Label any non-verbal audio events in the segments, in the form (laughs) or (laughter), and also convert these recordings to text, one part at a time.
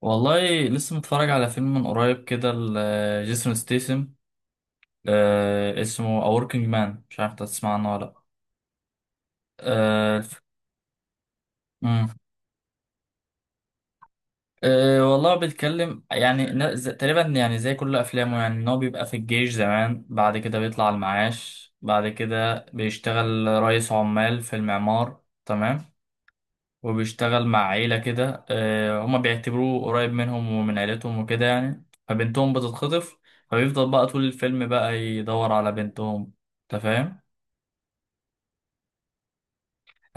والله لسه متفرج على فيلم من قريب كده لجيسون ستيسم، اسمه A Working Man. مش عارف انت تسمع عنه ولا لأ. آه الف- مم. والله بيتكلم يعني تقريبا يعني زي كل افلامه، يعني ان هو بيبقى في الجيش زمان، بعد كده بيطلع المعاش، بعد كده بيشتغل رئيس عمال في المعمار، تمام. وبيشتغل مع عيلة كده، هما بيعتبروه قريب منهم ومن عيلتهم وكده يعني، فبنتهم بتتخطف. فبيفضل بقى طول الفيلم بقى يدور على بنتهم. انت فاهم؟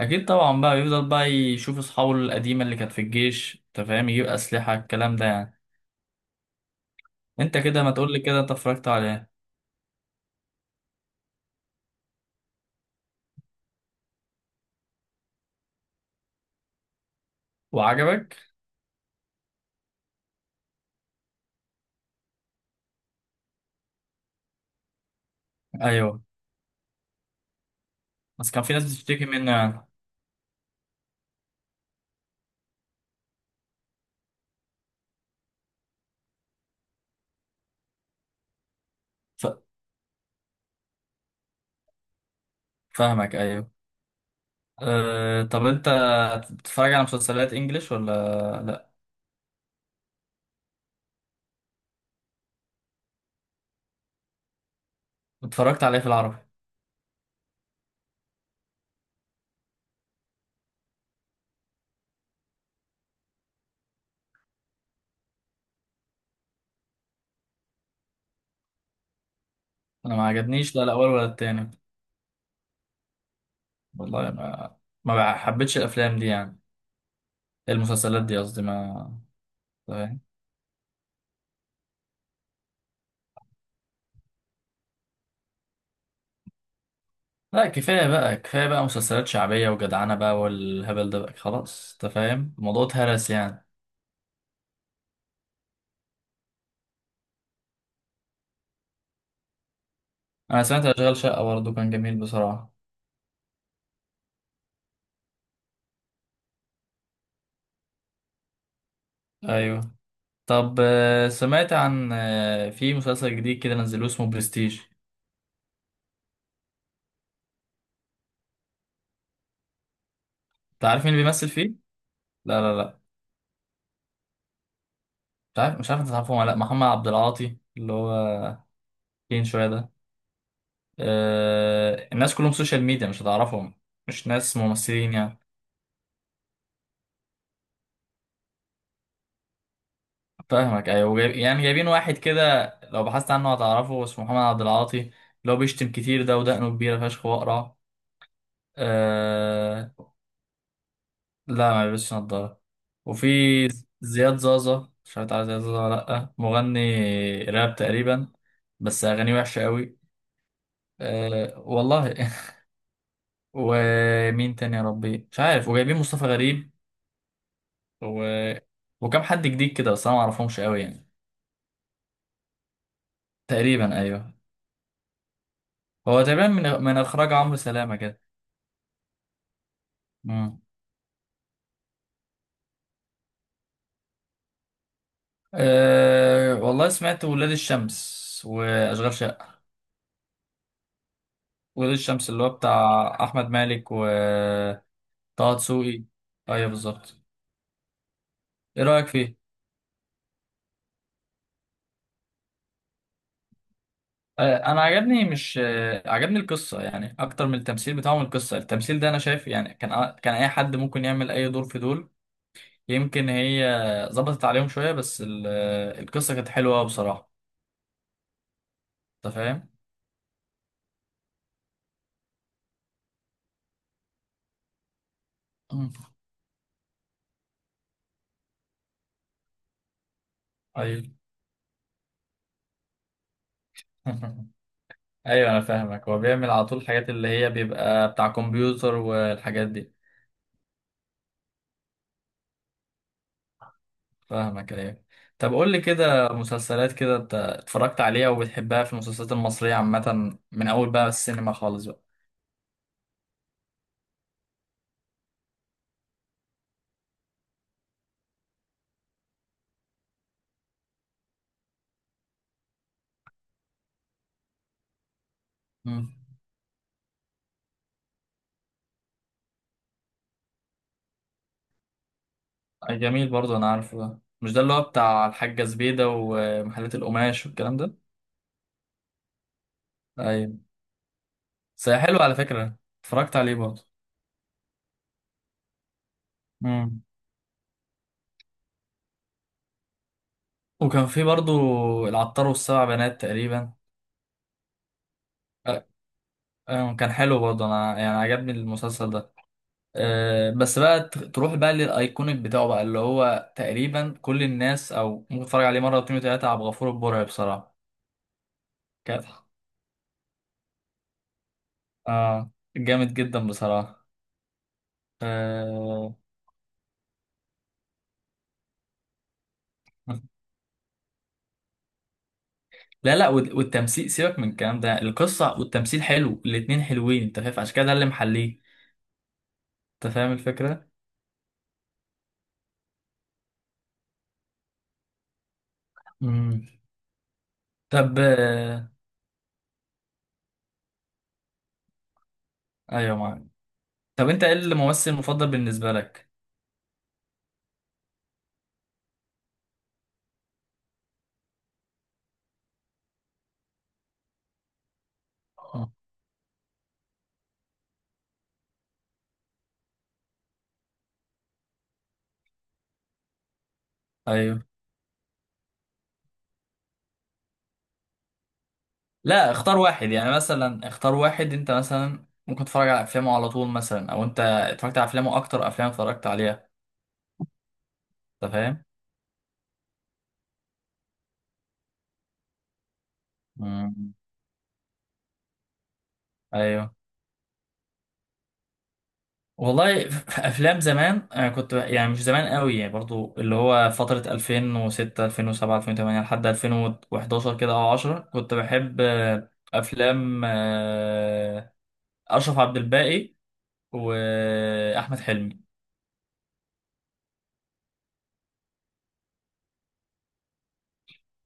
اكيد طبعا، بقى يفضل بقى يشوف اصحابه القديمة اللي كانت في الجيش، انت فاهم، يجيب اسلحة، الكلام ده يعني. انت كده ما تقولي كده، انت اتفرجت على ايه؟ وعجبك؟ ايوه، بس كان في ناس بتشتكي منه يعني. ف... فاهمك، ايوه. طب انت بتتفرج على مسلسلات انجليش ولا لا؟ اتفرجت على ايه في العربي؟ انا ما عجبنيش لا الاول ولا التاني. والله ما حبيتش الافلام دي يعني، المسلسلات دي قصدي. ما فاهم؟ لا، كفايه بقى، كفايه بقى مسلسلات شعبيه وجدعنه بقى والهبل ده بقى، خلاص. انت فاهم؟ الموضوع اتهرس يعني. انا سمعت اشغال شقه برضه، كان جميل بصراحه. ايوه. طب سمعت عن في مسلسل جديد كده نزلوه اسمه برستيج؟ انت عارف مين اللي بيمثل فيه؟ لا لا لا. مش عارف انت تعرفه ولا لا. محمد عبد العاطي، اللي هو فين شويه ده، الناس كلهم سوشيال ميديا، مش هتعرفهم. مش ناس ممثلين يعني. فاهمك ايوه، جايب يعني جايبين واحد كده، لو بحثت عنه هتعرفه، اسمه محمد عبد العاطي، اللي هو بيشتم كتير ده ودقنه كبيرة فشخ واقرع. أه. لا، ما بيلبسش نضارة. وفي زياد زازا، مش عارف تعرف زياد زازا ولا لأ، مغني راب تقريبا، بس أغانيه وحشة قوي. أه والله (laughs) ومين تاني يا ربي، مش عارف. وجايبين مصطفى غريب، و... وكم حد جديد كده، بس انا ما اعرفهمش قوي يعني. تقريبا ايوه. هو تقريبا من اخراج عمرو سلامه كده. امم. والله سمعت ولاد الشمس واشغال شقه. ولاد الشمس، اللي هو بتاع احمد مالك وطه دسوقي. ايوه بالظبط. ايه رايك فيه؟ انا عجبني، مش أه... عجبني القصه يعني اكتر من التمثيل بتاعهم. القصه، التمثيل ده انا شايف يعني كان اي حد ممكن يعمل اي دور في دول. يمكن هي ظبطت عليهم شويه، بس القصه كانت حلوه بصراحه. انت فاهم؟ مم. ايوه. (laughs) ايوه انا فاهمك، هو بيعمل على طول الحاجات اللي هي بيبقى بتاع كمبيوتر والحاجات دي. فاهمك ايوه. طب قول لي كده مسلسلات كده انت اتفرجت عليها وبتحبها، في المسلسلات المصرية عامة، من اول بقى السينما خالص بقى. مم. أي جميل برضو، انا عارفه ده، مش ده اللي هو بتاع الحاجة زبيدة ومحلات القماش والكلام ده؟ ايوه. بس هي حلو على فكرة، اتفرجت عليه برضو. مم. وكان في برضو العطار والسبع بنات تقريبا. كان حلو برضه، انا يعني عجبني المسلسل ده. أه، بس بقى تروح بقى للايكونيك بتاعه بقى، اللي هو تقريبا كل الناس او ممكن تتفرج عليه مره واتنين وتلاته، عبد الغفور البرعي بصراحه، كانت. اه جامد جدا بصراحه. أه. لا لا، والتمثيل، سيبك من الكلام ده، القصه والتمثيل حلو، الاتنين حلوين، انت فاهم؟ عشان كده ده اللي محليه. انت فاهم الفكره؟ امم. طب ايوه معاك. طب انت ايه الممثل المفضل بالنسبه لك؟ آه. ايوه. لا، اختار واحد يعني، مثلا اختار واحد انت مثلا ممكن تتفرج على افلامه على طول، مثلا او انت اتفرجت على افلامه اكتر افلام اتفرجت عليها. انت فاهم؟ مم. ايوه. والله في افلام زمان انا كنت يعني مش زمان قوي يعني، برضو اللي هو فترة 2006 2007 2008 لحد 2011 كده او 10، كنت بحب افلام اشرف عبد الباقي واحمد حلمي.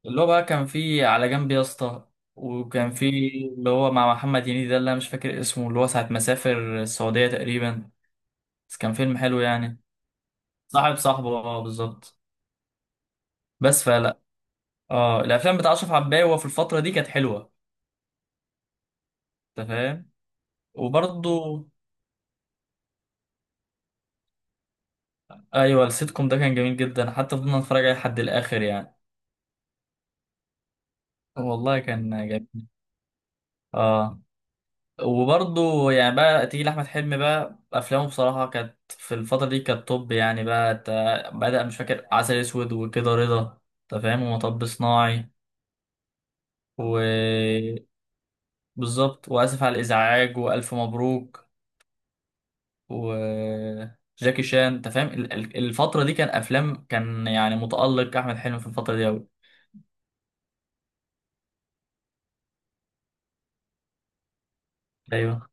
اللي هو بقى كان في على جنب يا اسطى، وكان في اللي هو مع محمد هنيدي ده، اللي انا مش فاكر اسمه، اللي هو ساعة ما سافر السعودية تقريبا، بس كان فيلم حلو يعني. صاحب صاحبه، اه بالظبط. بس فلا. اه، الافلام بتاع اشرف عباية في الفترة دي كانت حلوة. انت فاهم؟ وبرضه ايوه، السيتكم ده كان جميل جدا، حتى فضلنا نتفرج عليه لحد الاخر يعني. والله كان جميل. اه. وبرضه يعني بقى تيجي لأحمد حلمي بقى، أفلامه بصراحة كانت في الفترة دي كانت توب يعني، بقى بدأ مش فاكر عسل أسود وكده رضا، أنت فاهم، ومطب صناعي. وبالظبط. وآسف على الإزعاج، وألف مبروك، وجاكي شان. أنت فاهم؟ الفترة دي كان أفلام، كان يعني متألق أحمد حلمي في الفترة دي أوي. أيوه.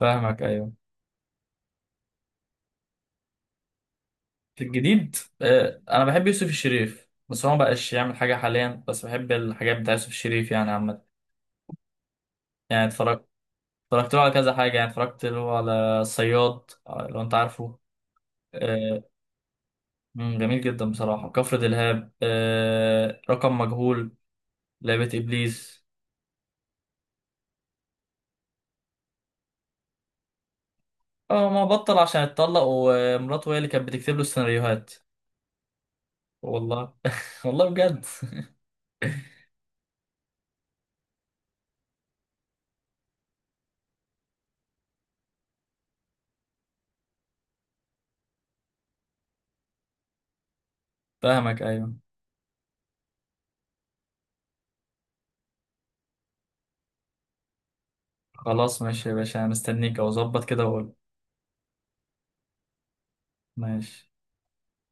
فاهمك أيوه. في الجديد، أنا بحب يوسف الشريف، بس هو مبقاش يعمل حاجة حاليا، بس بحب الحاجات بتاع يوسف الشريف يعني عامة. يعني اتفرجت له على كذا حاجة يعني. اتفرجت له على الصياد، لو انت عارفه. آه، مم، جميل جدا بصراحة. كفر دلهاب، رقم مجهول، لعبة إبليس. اه، ما بطل عشان اتطلق، ومراته هي اللي كانت بتكتب له السيناريوهات. والله (laughs) والله بجد. (laughs) فاهمك ايوه. خلاص ماشي يا باشا، انا مستنيك او اظبط كده واقول. ماشي.